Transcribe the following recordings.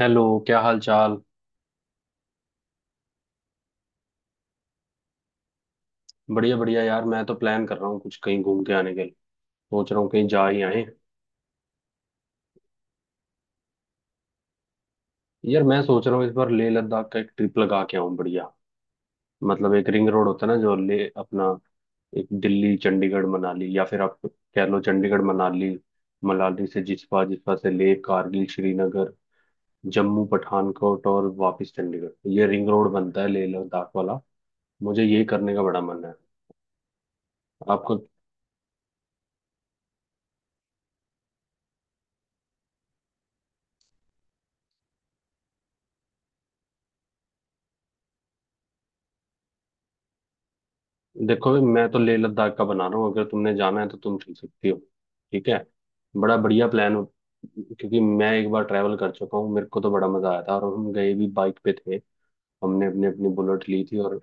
Hello, क्या हाल चाल। बढ़िया बढ़िया। यार, मैं तो प्लान कर रहा हूँ कुछ कहीं घूम के आने के लिए। सोच रहा हूँ कहीं जा ही आए। यार, मैं सोच रहा हूँ इस बार लेह लद्दाख का एक ट्रिप लगा के आऊँ। बढ़िया मतलब एक रिंग रोड होता है ना जो ले अपना, एक दिल्ली चंडीगढ़ मनाली, या फिर आप कह लो चंडीगढ़ मनाली, मनाली से जिस्पा, जिस्पा से लेह, कारगिल, श्रीनगर, जम्मू, पठानकोट, और वापस चंडीगढ़। ये रिंग रोड बनता है लेह लद्दाख वाला। मुझे ये करने का बड़ा मन है। आपका? देखो भाई, मैं तो लेह लद्दाख का बना रहा हूँ। अगर तुमने जाना है तो तुम चल सकती हो। ठीक है, बड़ा बढ़िया प्लान हो। क्योंकि मैं एक बार ट्रैवल कर चुका हूँ, मेरे को तो बड़ा मजा आया था। और हम गए भी बाइक पे थे, हमने अपनी अपनी बुलेट ली थी, और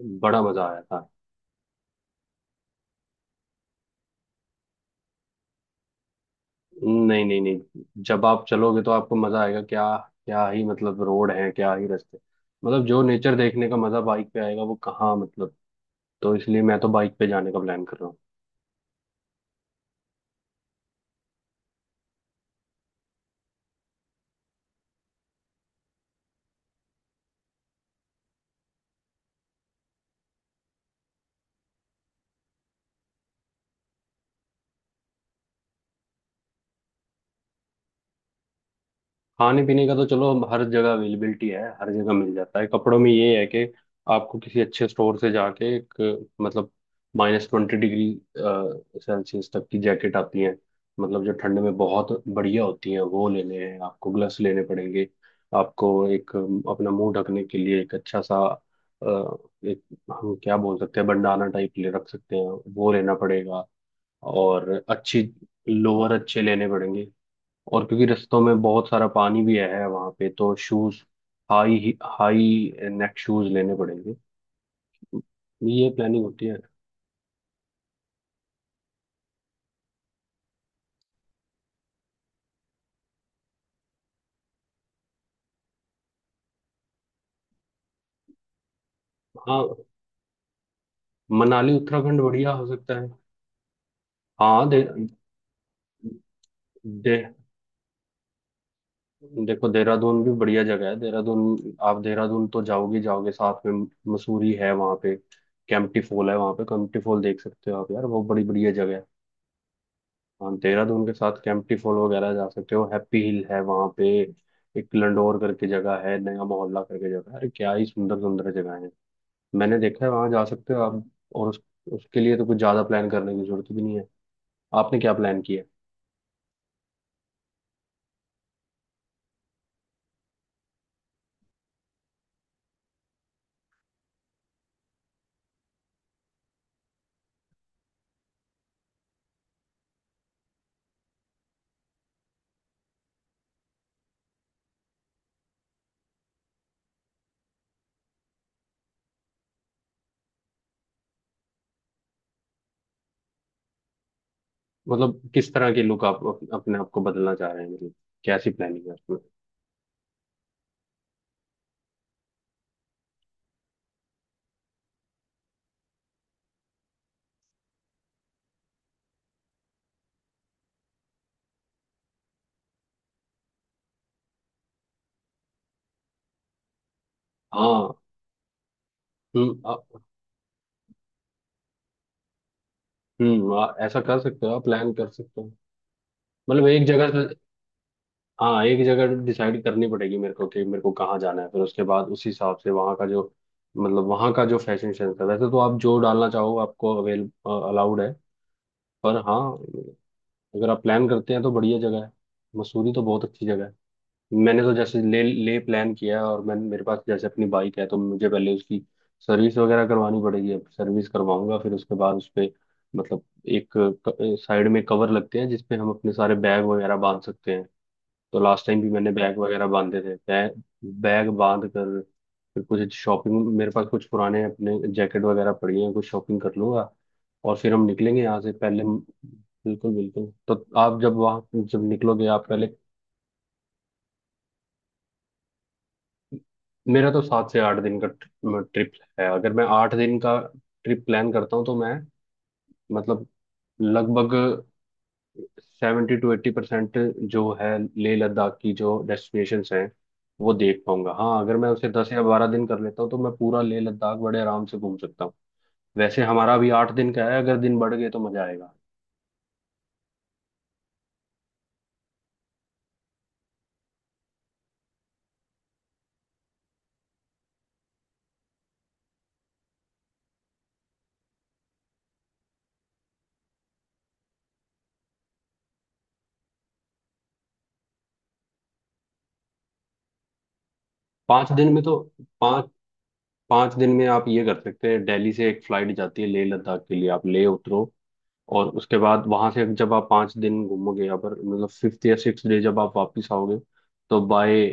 बड़ा मजा आया था। नहीं नहीं नहीं, जब आप चलोगे तो आपको मजा आएगा। क्या क्या ही मतलब रोड है, क्या ही रास्ते, मतलब जो नेचर देखने का मजा बाइक पे आएगा वो कहाँ, मतलब। तो इसलिए मैं तो बाइक पे जाने का प्लान कर रहा हूँ। खाने पीने का तो चलो, अब हर जगह अवेलेबिलिटी है, हर जगह मिल जाता है। कपड़ों में ये है कि आपको किसी अच्छे स्टोर से जाके एक, मतलब माइनस ट्वेंटी डिग्री सेल्सियस तक की जैकेट आती है, मतलब जो ठंड में बहुत बढ़िया होती है, वो लेने हैं। आपको ग्लव्स लेने पड़ेंगे। आपको एक अपना मुंह ढकने के लिए एक अच्छा सा एक, हम क्या बोल सकते हैं, बंडाना टाइप ले रख सकते हैं, वो लेना पड़ेगा। और अच्छी लोअर अच्छे लेने पड़ेंगे। और क्योंकि रस्तों में बहुत सारा पानी भी है वहां पे, तो shoes, high high neck shoes लेने पड़ेंगे। ये प्लानिंग होती है। हाँ, मनाली उत्तराखंड बढ़िया हो सकता है। हाँ, दे, देखो, देहरादून भी बढ़िया जगह है। देहरादून आप, देहरादून तो जाओगे, जाओगे साथ में मसूरी है वहाँ पे, कैंपटी फॉल है वहाँ पे। कैंपटी फॉल देख सकते हो आप, यार वो बड़ी बढ़िया जगह है। हाँ, देहरादून के साथ कैंपटी फॉल वगैरह जा सकते हो। हैप्पी हिल है वहाँ पे, एक लंडोर करके जगह है, नया मोहल्ला करके जगह है। अरे क्या ही सुंदर सुंदर जगह है, मैंने देखा है, वहाँ जा सकते हो आप। और उसके लिए तो कुछ ज़्यादा प्लान करने की जरूरत भी नहीं है। आपने क्या प्लान किया है? मतलब किस तरह की लुक आप, अपने आप को बदलना चाह रहे हैं, मतलब कैसी प्लानिंग है उसमें। हाँ। हम्म आ- ऐसा कर सकते हो आप, प्लान कर सकते हो। मतलब एक जगह से, हाँ, एक जगह डिसाइड करनी पड़ेगी मेरे को कि मेरे को कहाँ जाना है। फिर उसके बाद उस हिसाब से वहाँ का जो, मतलब वहाँ का जो फैशन सेंस है। वैसे तो आप जो डालना चाहो आपको अवेल अलाउड है। पर हाँ, अगर आप प्लान करते हैं तो बढ़िया जगह है। मसूरी तो बहुत अच्छी जगह है। मैंने तो जैसे ले ले प्लान किया है, और मैं, मेरे पास जैसे अपनी बाइक है, तो मुझे पहले उसकी सर्विस वगैरह करवानी पड़ेगी। अब सर्विस करवाऊंगा, फिर उसके बाद उस पे, मतलब एक साइड में कवर लगते हैं जिसपे हम अपने सारे बैग वगैरह बांध सकते हैं। तो लास्ट टाइम भी मैंने बैग वगैरह बांधे थे, बैग बैग बांध कर, फिर कुछ शॉपिंग, मेरे पास कुछ पुराने अपने जैकेट वगैरह पड़ी हैं, कुछ शॉपिंग कर लूंगा। और फिर हम निकलेंगे यहाँ से पहले। बिल्कुल बिल्कुल, तो आप जब वहाँ जब निकलोगे आप पहले। मेरा तो 7 से 8 दिन का ट्रिप है। अगर मैं 8 दिन का ट्रिप प्लान करता हूँ तो मैं, मतलब, लगभग 70 से 80% जो है लेह लद्दाख की जो डेस्टिनेशंस हैं वो देख पाऊंगा। हाँ, अगर मैं उसे 10 या 12 दिन कर लेता हूँ तो मैं पूरा लेह लद्दाख बड़े आराम से घूम सकता हूँ। वैसे हमारा अभी 8 दिन का है, अगर दिन बढ़ गए तो मजा आएगा। पाँच दिन में तो, पाँच पाँच दिन में आप ये कर सकते हैं। दिल्ली से एक फ्लाइट जाती है लेह लद्दाख के लिए, आप लेह उतरो। और उसके बाद वहां से जब आप 5 दिन घूमोगे, अगर, मतलब, फिफ्थ या सिक्स डे जब आप वापस आओगे तो बाय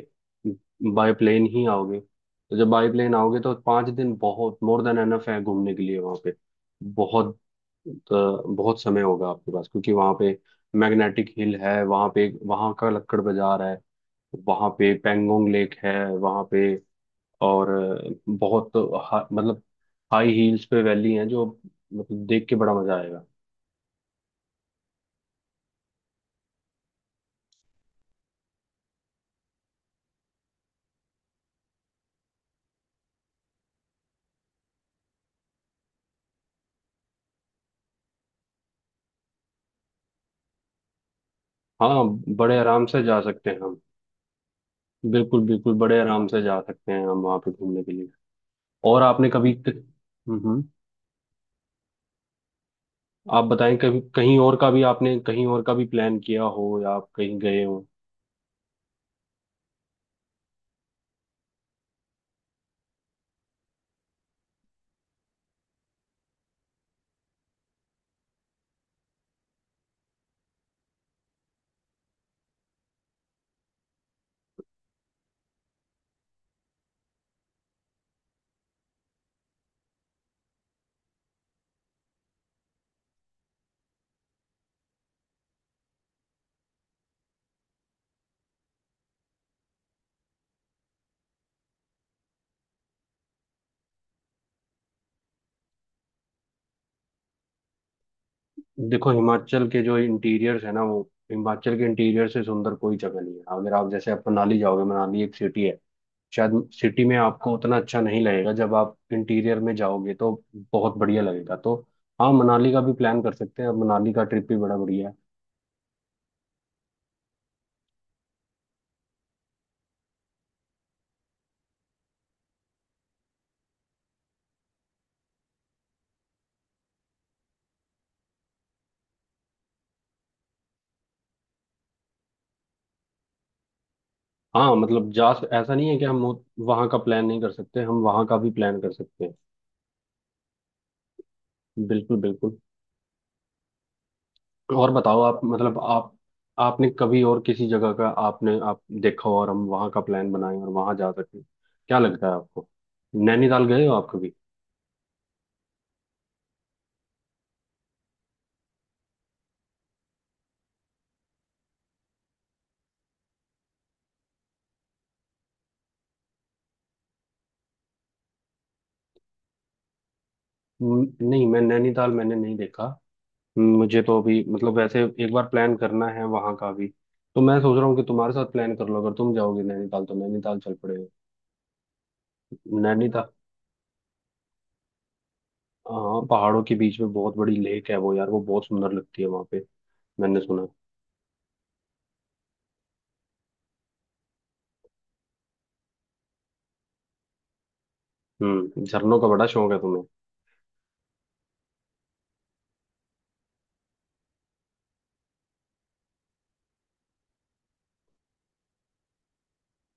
बाय प्लेन ही आओगे। तो जब बाय प्लेन आओगे तो पाँच दिन बहुत मोर देन एनफ है घूमने के लिए वहाँ पे। बहुत, तो बहुत समय होगा आपके पास। क्योंकि वहाँ पे मैग्नेटिक हिल है वहाँ पे, वहाँ का लक्कड़ बाजार है, वहाँ पे पेंगोंग लेक है वहाँ पे, और बहुत मतलब हाई हील्स पे वैली है जो, मतलब देख के बड़ा मजा आएगा। हाँ, बड़े आराम से जा सकते हैं हम। बिल्कुल बिल्कुल, बड़े आराम से जा सकते हैं हम वहाँ पे घूमने के लिए। और आपने कभी, आप बताएं कभी कहीं और का भी, आपने कहीं और का भी प्लान किया हो या आप कहीं गए हो? देखो, हिमाचल के जो इंटीरियर्स है ना वो, हिमाचल के इंटीरियर से सुंदर कोई जगह नहीं है। अगर आप जैसे आप मनाली जाओगे, मनाली एक सिटी है, शायद सिटी में आपको उतना अच्छा नहीं लगेगा। जब आप इंटीरियर में जाओगे तो बहुत बढ़िया लगेगा। तो हाँ, मनाली का भी प्लान कर सकते हैं। अब मनाली का ट्रिप भी बड़ा बढ़िया है। हाँ, मतलब जा, ऐसा नहीं है कि हम वहां का प्लान नहीं कर सकते, हम वहां का भी प्लान कर सकते हैं। बिल्कुल बिल्कुल। और बताओ आप, मतलब आप आपने कभी और किसी जगह का, आपने आप देखा हो और हम वहां का प्लान बनाएं और वहां जा सकें? क्या लगता है आपको? नैनीताल गए हो आप कभी? नहीं, मैं नैनीताल मैंने नहीं देखा। मुझे तो अभी, मतलब, वैसे एक बार प्लान करना है वहां का भी। तो मैं सोच रहा हूँ कि तुम्हारे साथ प्लान कर लो, अगर तुम जाओगे नैनीताल तो नैनीताल चल पड़ेगा। नैनीताल, हाँ, पहाड़ों के बीच में बहुत बड़ी लेक है वो, यार वो बहुत सुंदर लगती है वहां पे, मैंने सुना है। हम्म, झरनों का बड़ा शौक है तुम्हें।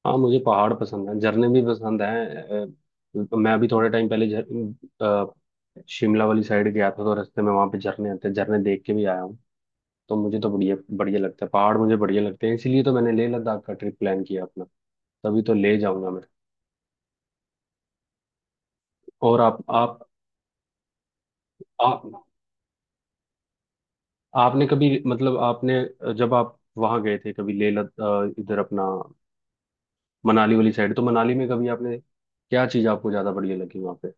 हाँ, मुझे पहाड़ पसंद है, झरने भी पसंद है। मैं अभी थोड़े टाइम पहले शिमला वाली साइड गया था, तो रास्ते में वहां पे झरने आते हैं, झरने देख के भी आया हूँ। तो मुझे तो बढ़िया बढ़िया लगता है, पहाड़ मुझे बढ़िया लगते हैं। इसीलिए तो मैंने लेह लद्दाख का ट्रिप प्लान किया अपना, तभी तो ले जाऊंगा मैं। और आप आपने कभी, मतलब, आपने जब आप वहां गए थे कभी, इधर अपना मनाली वाली साइड, तो मनाली में कभी आपने क्या चीज आपको ज्यादा बढ़िया लगी वहां पे?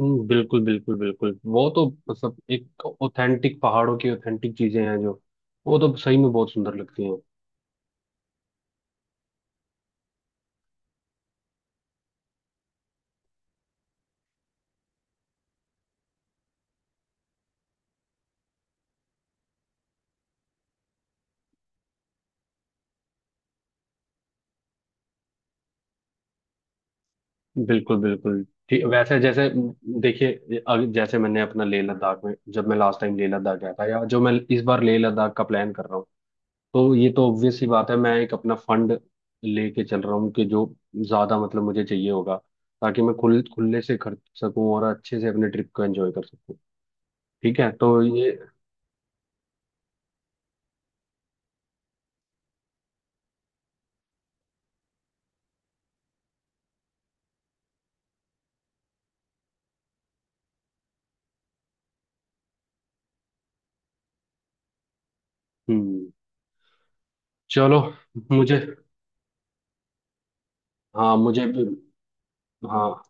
हम्म, बिल्कुल बिल्कुल बिल्कुल, वो तो मतलब एक ऑथेंटिक पहाड़ों की ऑथेंटिक चीजें हैं जो, वो तो सही में बहुत सुंदर लगती हैं। बिल्कुल बिल्कुल, ठीक वैसे जैसे देखिए ये जैसे मैंने अपना लेह लद्दाख में, जब मैं लास्ट टाइम लेह लद्दाख गया था, या जो मैं इस बार लेह लद्दाख का प्लान कर रहा हूँ, तो ये तो ऑब्वियस ही बात है, मैं एक अपना फंड लेके चल रहा हूँ कि जो ज्यादा, मतलब, मुझे चाहिए होगा, ताकि मैं खुल खुले से खर्च सकूं और अच्छे से अपने ट्रिप को एंजॉय कर सकूं। ठीक है, तो ये। हम्म, चलो मुझे, हाँ मुझे भी। हाँ,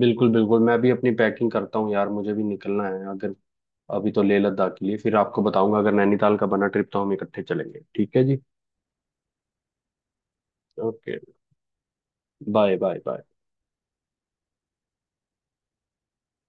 बिल्कुल बिल्कुल, मैं भी अपनी पैकिंग करता हूँ यार, मुझे भी निकलना है। अगर अभी तो लेह लद्दाख के लिए, फिर आपको बताऊंगा। अगर नैनीताल का बना ट्रिप तो हम इकट्ठे चलेंगे। ठीक है जी? Okay, bye bye bye.